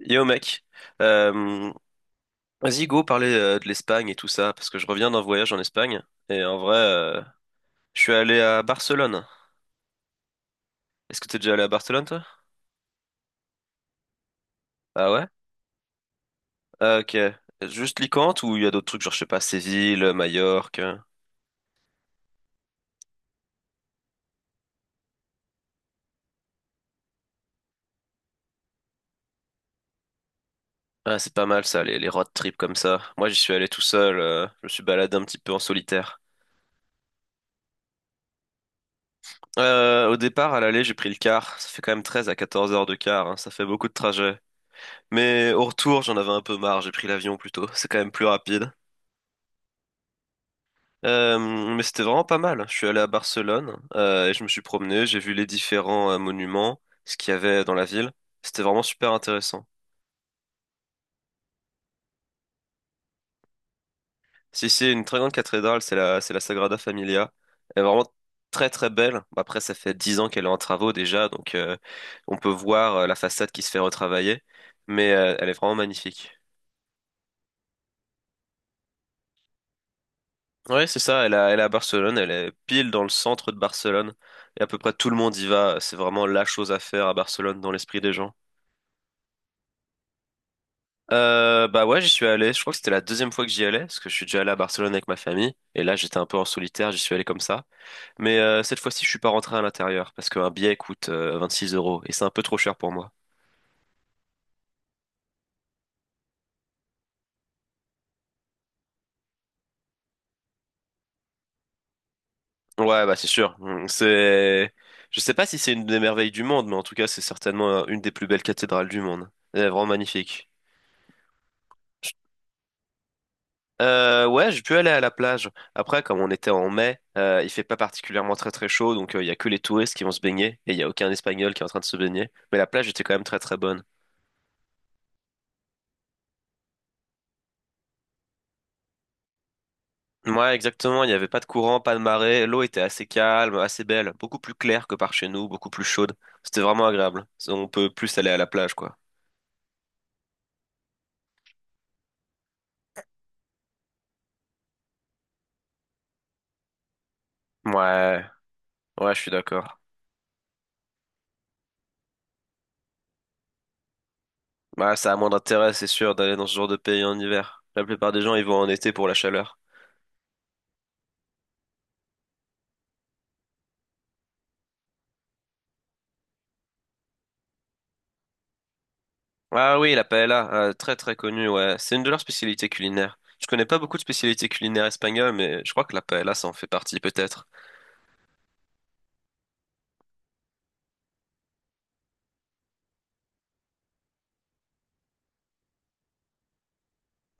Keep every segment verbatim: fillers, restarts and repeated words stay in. Yo mec, euh, vas-y go parler euh, de l'Espagne et tout ça, parce que je reviens d'un voyage en Espagne, et en vrai, euh, je suis allé à Barcelone. Est-ce que t'es déjà allé à Barcelone toi? Ah ouais? Ah, ok. Juste Alicante ou il y a d'autres trucs, genre je sais pas, Séville, Majorque. euh. Ah c'est pas mal ça, les, les road trips comme ça. Moi j'y suis allé tout seul, euh, je me suis baladé un petit peu en solitaire. Euh, au départ, à l'aller, j'ai pris le car. Ça fait quand même treize à quatorze heures de car, hein, ça fait beaucoup de trajet. Mais au retour, j'en avais un peu marre, j'ai pris l'avion plutôt, c'est quand même plus rapide. Euh, mais c'était vraiment pas mal. Je suis allé à Barcelone euh, et je me suis promené, j'ai vu les différents euh, monuments, ce qu'il y avait dans la ville. C'était vraiment super intéressant. Si c'est une très grande cathédrale, c'est la, c'est la Sagrada Familia. Elle est vraiment très très belle. Après, ça fait dix ans qu'elle est en travaux déjà, donc euh, on peut voir euh, la façade qui se fait retravailler, mais euh, elle est vraiment magnifique. Ouais, c'est ça. Elle est elle est à Barcelone. Elle est pile dans le centre de Barcelone et à peu près tout le monde y va. C'est vraiment la chose à faire à Barcelone dans l'esprit des gens. Euh, bah ouais, j'y suis allé. Je crois que c'était la deuxième fois que j'y allais, parce que je suis déjà allé à Barcelone avec ma famille. Et là, j'étais un peu en solitaire, j'y suis allé comme ça. Mais euh, cette fois-ci, je suis pas rentré à l'intérieur, parce qu'un billet coûte euh, six euros, et c'est un peu trop cher pour moi. Ouais, bah c'est sûr. Mm, C'est, je sais pas si c'est une des merveilles du monde, mais en tout cas, c'est certainement euh, une des plus belles cathédrales du monde. Elle est vraiment magnifique. Euh, ouais, j'ai pu aller à la plage. Après, comme on était en mai, euh, il fait pas particulièrement très très chaud, donc euh, il y a que les touristes qui vont se baigner et il y a aucun Espagnol qui est en train de se baigner. Mais la plage était quand même très très bonne. Ouais, exactement. Il n'y avait pas de courant, pas de marée. L'eau était assez calme, assez belle, beaucoup plus claire que par chez nous, beaucoup plus chaude. C'était vraiment agréable. On peut plus aller à la plage, quoi. Ouais, ouais, je suis d'accord. Bah, ça a moins d'intérêt, c'est sûr, d'aller dans ce genre de pays en hiver. La plupart des gens, ils vont en été pour la chaleur. Ah oui, la paella, euh, très très connue, ouais. C'est une de leurs spécialités culinaires. Je connais pas beaucoup de spécialités culinaires espagnoles, mais je crois que la paella, ça en fait partie peut-être.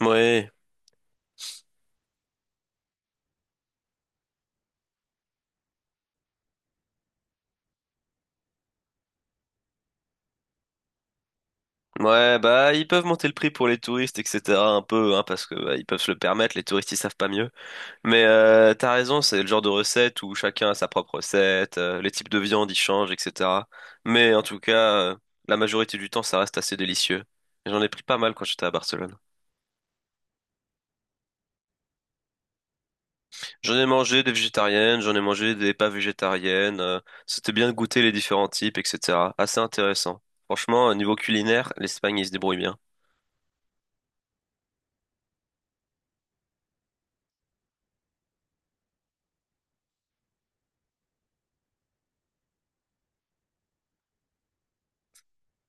Oui. Ouais, bah ils peuvent monter le prix pour les touristes, et cetera un peu, hein, parce que bah, ils peuvent se le permettre, les touristes ils savent pas mieux. Mais euh, t'as raison, c'est le genre de recette où chacun a sa propre recette, euh, les types de viande ils changent, et cetera. Mais en tout cas, euh, la majorité du temps ça reste assez délicieux. J'en ai pris pas mal quand j'étais à Barcelone. J'en ai mangé des végétariennes, j'en ai mangé des pas végétariennes. euh, C'était bien de goûter les différents types, et cetera. Assez intéressant. Franchement, euh, niveau culinaire, l'Espagne, ils se débrouillent bien.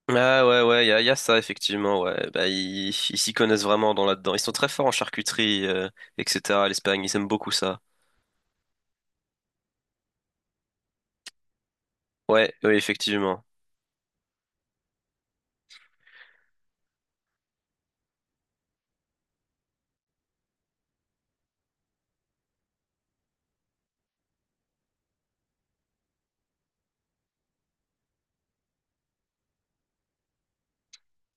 Ah ouais, ouais, il y a, y a ça, effectivement, ouais. Bah, ils ils s'y connaissent vraiment dans là-dedans. Ils sont très forts en charcuterie, euh, et cetera. L'Espagne, ils aiment beaucoup ça. Ouais, oui, effectivement.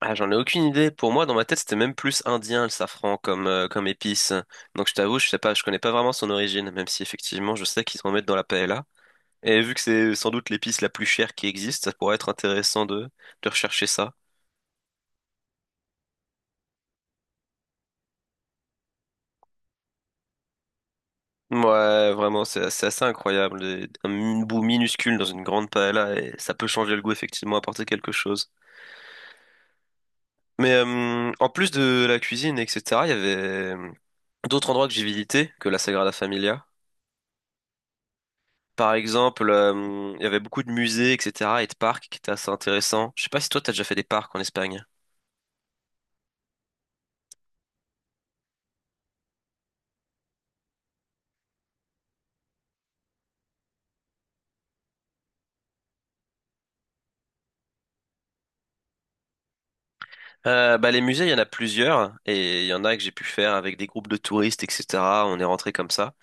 Ah, j'en ai aucune idée. Pour moi, dans ma tête, c'était même plus indien, le safran, comme, euh, comme épice. Donc, je t'avoue, je sais pas, je connais pas vraiment son origine, même si, effectivement, je sais qu'ils en mettent dans la paella. Et vu que c'est sans doute l'épice la plus chère qui existe, ça pourrait être intéressant de, de, rechercher ça. Ouais, vraiment, c'est c'est assez incroyable. Et un bout minuscule dans une grande paella, et ça peut changer le goût, effectivement, apporter quelque chose. Mais euh, en plus de la cuisine, et cetera, il y avait euh, d'autres endroits que j'ai visités que la Sagrada Familia. Par exemple, euh, il y avait beaucoup de musées, et cetera, et de parcs qui étaient assez intéressants. Je sais pas si toi, t'as déjà fait des parcs en Espagne. Euh, bah, les musées, il y en a plusieurs, et il y en a que j'ai pu faire avec des groupes de touristes, et cetera. On est rentré comme ça.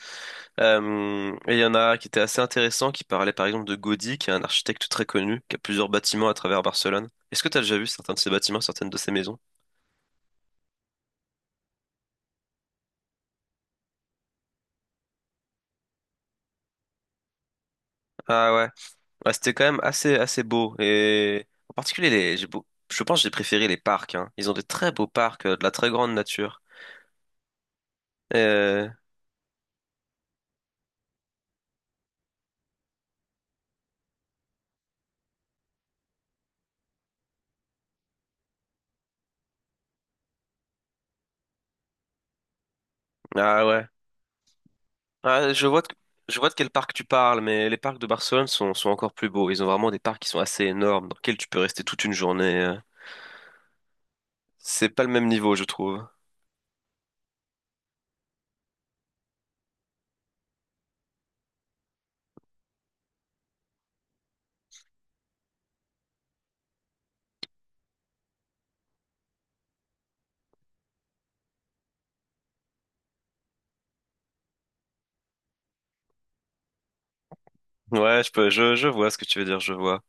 Euh, et il y en a qui étaient assez intéressants, qui parlaient par exemple de Gaudí, qui est un architecte très connu, qui a plusieurs bâtiments à travers Barcelone. Est-ce que t'as déjà vu certains de ces bâtiments, certaines de ces maisons? Ah ouais. Ouais, c'était quand même assez, assez beau. Et en particulier, les, j'ai beau- je pense que j'ai préféré les parcs, hein. Ils ont des très beaux parcs, euh, de la très grande nature. Euh, Ah ouais. Ah, je vois de... je vois de quel parc tu parles, mais les parcs de Barcelone sont, sont encore plus beaux. Ils ont vraiment des parcs qui sont assez énormes, dans lesquels tu peux rester toute une journée. euh. C'est pas le même niveau, je trouve. Ouais, je peux, je, je vois ce que tu veux dire, je vois.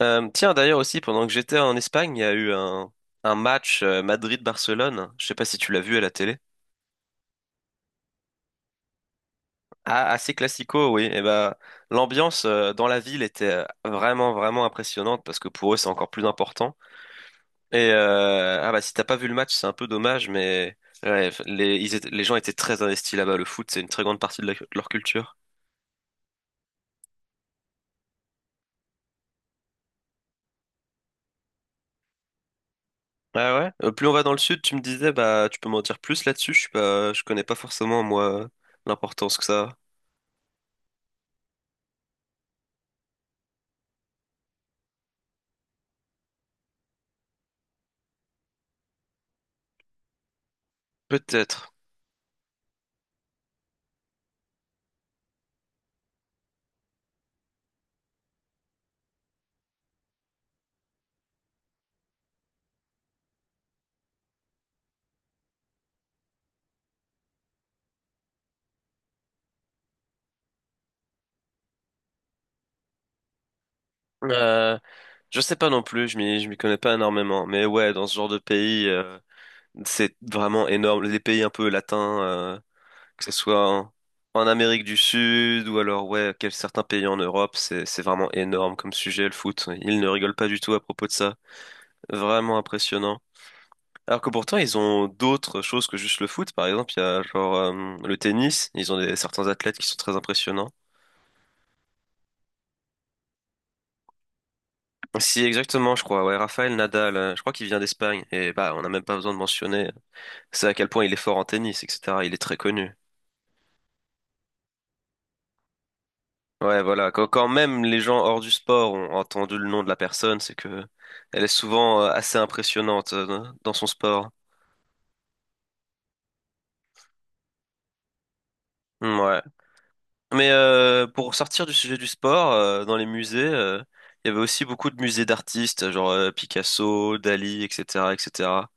Euh, tiens, d'ailleurs aussi, pendant que j'étais en Espagne, il y a eu un, un match euh, Madrid-Barcelone. Je sais pas si tu l'as vu à la télé. Ah, assez classico, oui. Et ben, l'ambiance euh, dans la ville était euh, vraiment, vraiment impressionnante parce que pour eux, c'est encore plus important. Et euh, ah bah, si t'as pas vu le match, c'est un peu dommage, mais ouais, les, ils étaient- les gens étaient très investis là-bas. Le foot, c'est une très grande partie de, la- de leur culture. Ah ouais. Euh, plus on va dans le sud, tu me disais, bah, tu peux m'en dire plus là-dessus. Je suis pas, je connais pas forcément moi l'importance que ça a. Peut-être. Euh, je sais pas non plus. Je m'y, je m'y connais pas énormément. Mais ouais, dans ce genre de pays. C'est vraiment énorme. Les pays un peu latins, euh, que ce soit en, en Amérique du Sud ou alors ouais, quel- certains pays en Europe, c'est c'est vraiment énorme comme sujet le foot. Ils ne rigolent pas du tout à propos de ça. Vraiment impressionnant. Alors que pourtant ils ont d'autres choses que juste le foot. Par exemple, il y a genre euh, le tennis. Ils ont des, certains athlètes qui sont très impressionnants. Si exactement, je crois. Ouais, Rafael Nadal. euh, je crois qu'il vient d'Espagne. Et bah, on n'a même pas besoin de mentionner. euh, C'est à quel point il est fort en tennis, et cetera. Il est très connu. Ouais, voilà. Quand quand même les gens hors du sport ont entendu le nom de la personne, c'est que elle est souvent euh, assez impressionnante euh, dans son sport. Mm, ouais. Mais euh, pour sortir du sujet du sport, euh, dans les musées, euh, il y avait aussi beaucoup de musées d'artistes, genre euh, Picasso, Dali, et cetera, et cetera.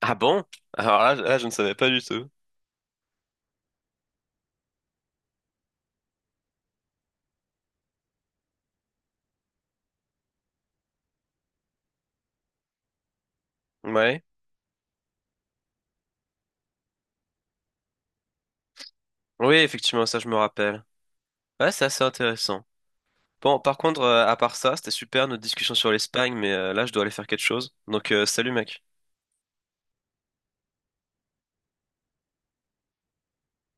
Ah bon? Alors là, là, je ne savais pas du tout. Ouais. Oui, effectivement, ça, je me rappelle. Ouais, c'est assez intéressant. Bon, par contre, euh, à part ça, c'était super notre discussion sur l'Espagne, mais euh, là, je dois aller faire quelque chose. Donc, euh, salut, mec.